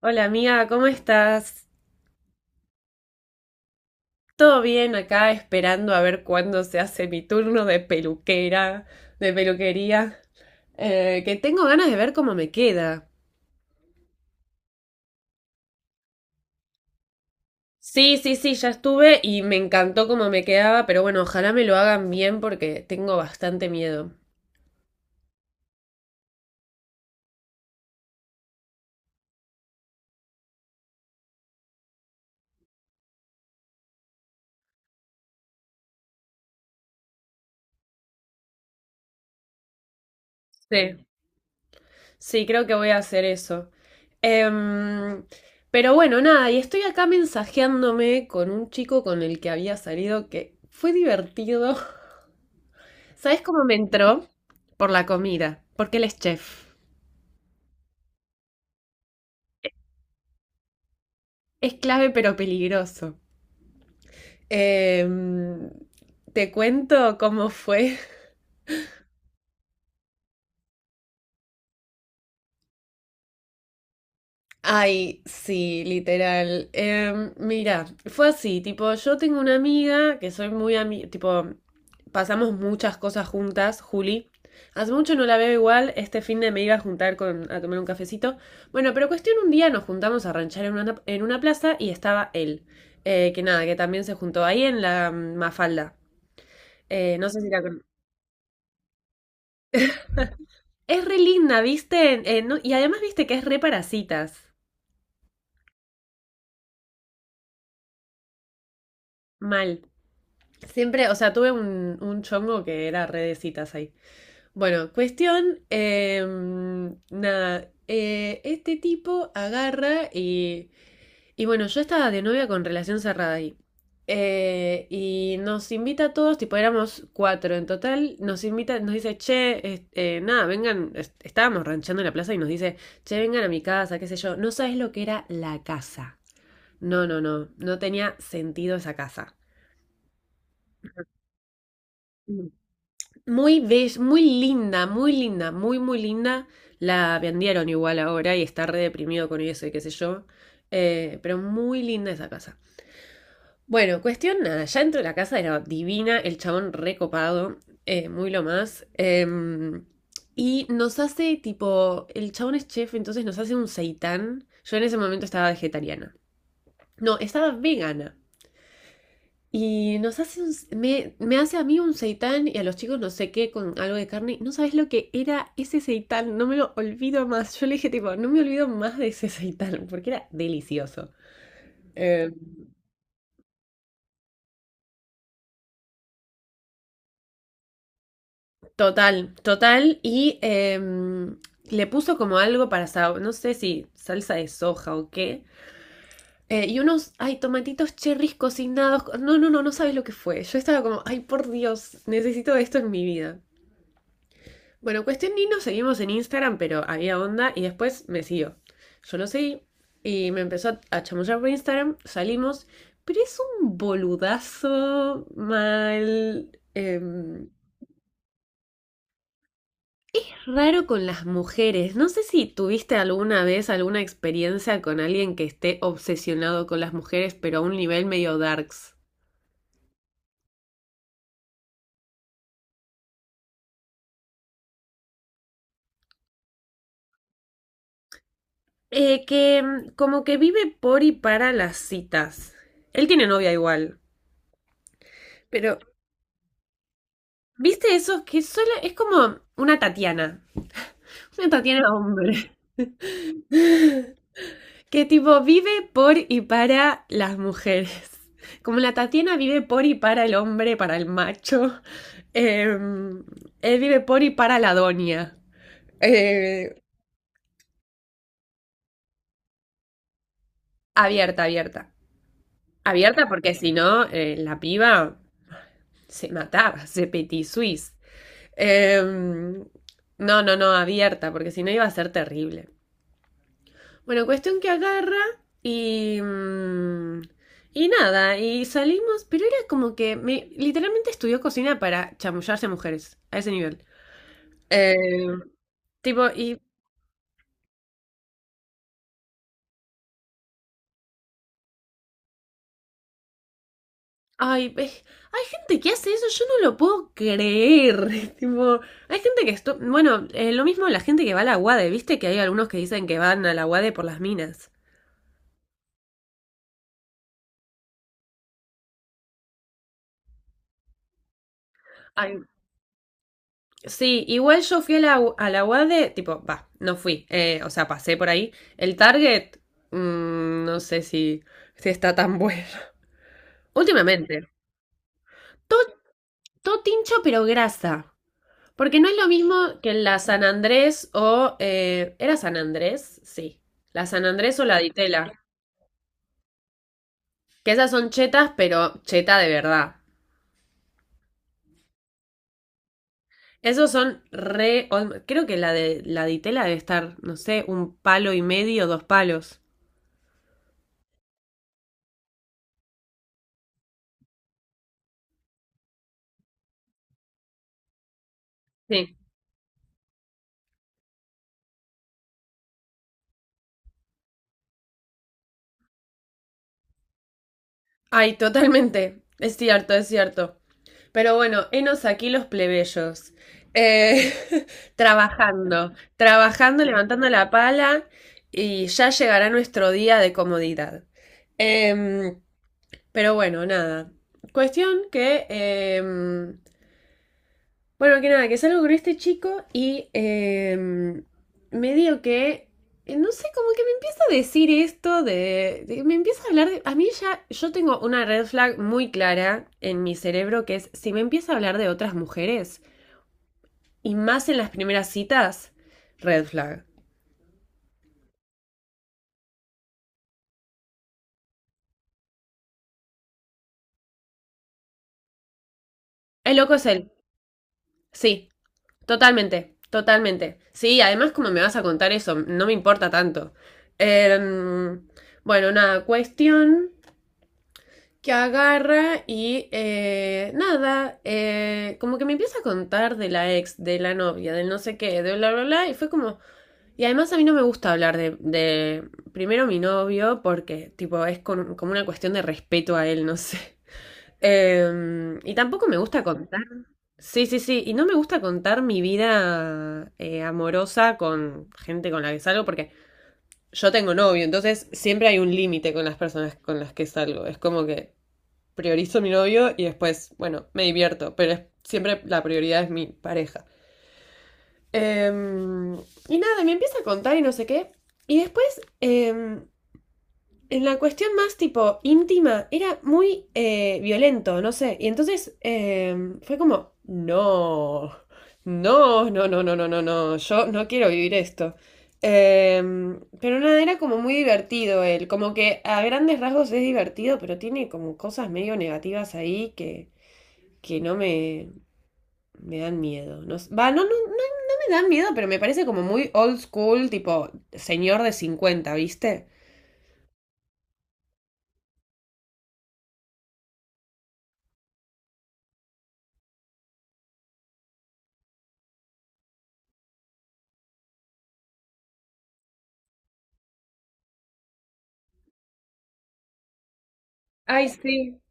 Hola amiga, ¿cómo estás? ¿Todo bien acá esperando a ver cuándo se hace mi turno de peluquera, de peluquería? Que tengo ganas de ver cómo me queda. Sí, sí, sí, ya estuve y me encantó cómo me quedaba, pero bueno, ojalá me lo hagan bien porque tengo bastante miedo. Sí, sí, creo que voy a hacer eso. Em, pero bueno, nada, y estoy acá mensajeándome con un chico con el que había salido que fue divertido. ¿Sabes cómo me entró? Por la comida, porque él es chef. Es clave pero peligroso. Em, Te cuento cómo fue. Ay, sí, literal. Mira, fue así, tipo, yo tengo una amiga que soy muy amiga, tipo, pasamos muchas cosas juntas, Juli. Hace mucho no la veo igual, este fin de me iba a juntar a tomar un cafecito. Bueno, pero cuestión un día nos juntamos a ranchar en una plaza y estaba él. Que nada, que también se juntó ahí en la Mafalda. No sé si la con... Es re linda, ¿viste? No- y además viste que es re parasitas. Mal. Siempre, o sea, tuve un chongo que era re de citas ahí. Bueno, cuestión, nada, este tipo agarra y bueno, yo estaba de novia con relación cerrada ahí. Y nos invita a todos, tipo éramos cuatro en total, nos invita, nos dice, che, nada, vengan, estábamos ranchando en la plaza y nos dice, che, vengan a mi casa, qué sé yo, no sabes lo que era la casa. No, no, no, no tenía sentido esa casa. Muy bella, muy linda, muy linda, muy, muy linda. La vendieron igual ahora y está re deprimido con eso y qué sé yo. Pero muy linda esa casa. Bueno, cuestión nada, ya dentro de la casa era divina, el chabón recopado, muy lo más. Y nos hace tipo, el chabón es chef, entonces nos hace un seitán. Yo en ese momento estaba vegetariana. No, estaba vegana. Y nos hace me hace a mí un seitán y a los chicos no sé qué con algo de carne. No sabes lo que era ese seitán, no me lo olvido más. Yo le dije tipo, no me olvido más de ese seitán porque era delicioso. Eh, Total, total. Y le puso como algo para, no sé si salsa de soja o qué. Y unos, ay, tomatitos cherries cocinados. No, no, no, no sabes lo que fue. Yo estaba como, ay, por Dios, necesito esto en mi vida. Bueno, cuestión ni nos seguimos en Instagram, pero había onda y después me siguió. Yo lo seguí y me empezó a chamullar por Instagram, salimos, pero es un boludazo mal. Raro con las mujeres. No sé si tuviste alguna vez alguna experiencia con alguien que esté obsesionado con las mujeres, pero a un nivel medio darks. Como que vive por y para las citas. Él tiene novia igual. Pero ¿viste eso? Que solo es como una Tatiana. Una Tatiana hombre. Que tipo vive por y para las mujeres. Como la Tatiana vive por y para el hombre, para el macho. eh, Él vive por y para la doña. Eh, Abierta, abierta. Abierta porque si no, la piba se mataba, se petit suisse. No, no, no, abierta, porque si no iba a ser terrible. Bueno, cuestión que agarra y... mm, y nada, y salimos, pero era como que me, literalmente estudió cocina para chamullarse a mujeres, a ese nivel. Eh, Tipo, y... Ay, hay gente que hace eso, yo no lo puedo creer. Tipo, hay gente que... Bueno, lo mismo la gente que va a la UADE, ¿viste? Que hay algunos que dicen que van a la UADE por las minas. Ay, sí, igual yo fui a la UADE, tipo, va, no fui, o sea, pasé por ahí. El Target, no sé si está tan bueno. Últimamente, todo, todo tincho pero grasa, porque no es lo mismo que en la San Andrés o... ¿era San Andrés? Sí. La San Andrés o la Ditela, que esas son chetas, pero cheta de verdad. Esos son re... Creo que la de la Ditela debe estar, no sé, un palo y medio, dos palos. Sí. Ay, totalmente. Es cierto, es cierto. Pero bueno, henos aquí los plebeyos. Eh, Trabajando, trabajando, levantando la pala y ya llegará nuestro día de comodidad. Em, pero bueno, nada. Cuestión que nada, que salgo con este chico y medio que, no sé, como que me empieza a decir esto me empieza a hablar de, a mí ya, yo tengo una red flag muy clara en mi cerebro que es, si me empieza a hablar de otras mujeres, y más en las primeras citas, red flag. El loco es él, sí, totalmente, totalmente. Sí, además como me vas a contar eso, no me importa tanto. Em, bueno, nada, cuestión que agarra y nada, como que me empieza a contar de la ex, de la novia, del no sé qué, de bla, bla, bla, y fue como... Y además a mí no me gusta hablar de primero mi novio porque tipo como una cuestión de respeto a él, no sé. Y tampoco me gusta contar. Sí, sí, sí. Y no me gusta contar mi vida amorosa con gente con la que salgo porque yo tengo novio, entonces siempre hay un límite con las personas con las que salgo. Es como que priorizo a mi novio y después, bueno, me divierto, pero siempre la prioridad es mi pareja. Em, y nada, me empieza a contar y no sé qué. Y después, en la cuestión más tipo íntima, era muy violento, no sé. Y entonces fue como, no, no, no, no, no, no, no, no, yo no quiero vivir esto. Pero nada, era como muy divertido él, como que a grandes rasgos es divertido, pero tiene como cosas medio negativas ahí que no me dan miedo. No, no, no, no, no me dan miedo, pero me parece como muy old school, tipo señor de cincuenta, ¿viste? Ay, sí.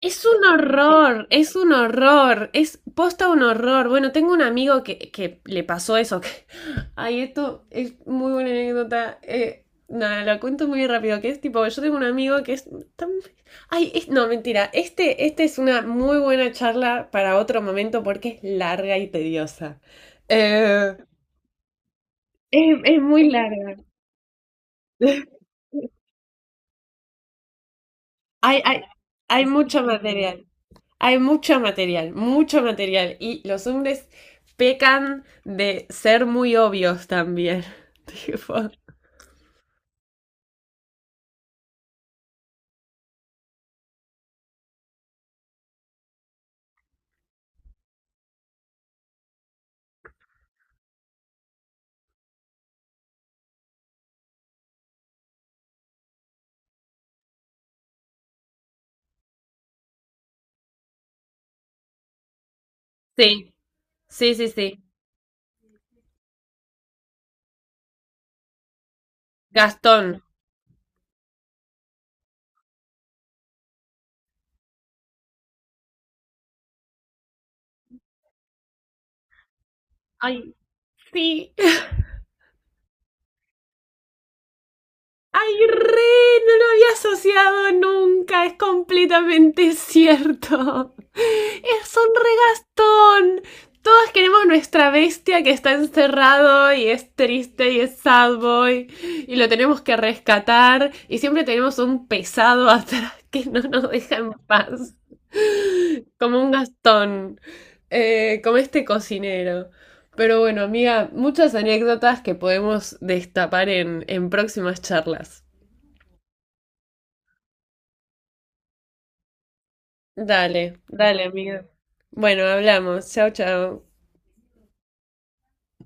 Es un horror, es un horror, es posta un horror. Bueno, tengo un amigo que le pasó eso. Ay, esto es muy buena anécdota. Nada, lo cuento muy rápido, que es tipo, yo tengo un amigo que es tan... Ay, no, mentira, este es una muy buena charla para otro momento porque es larga y tediosa. Eh, es muy larga. Hay, hay, Hay mucho material. Hay mucho material, mucho material. Y los hombres pecan de ser muy obvios también. Tipo, sí, sí, sí, sí. Gastón. Ay, sí, ay, re, no lo había asociado nunca, es completamente cierto. Es un regastón. Todos queremos nuestra bestia que está encerrado y es triste y es sad boy y lo tenemos que rescatar y siempre tenemos un pesado atrás que no nos deja en paz. Como un Gastón, como este cocinero. Pero bueno, amiga, muchas anécdotas que podemos destapar en próximas charlas. Dale, dale, amiga. Bueno, hablamos. Chao, chao.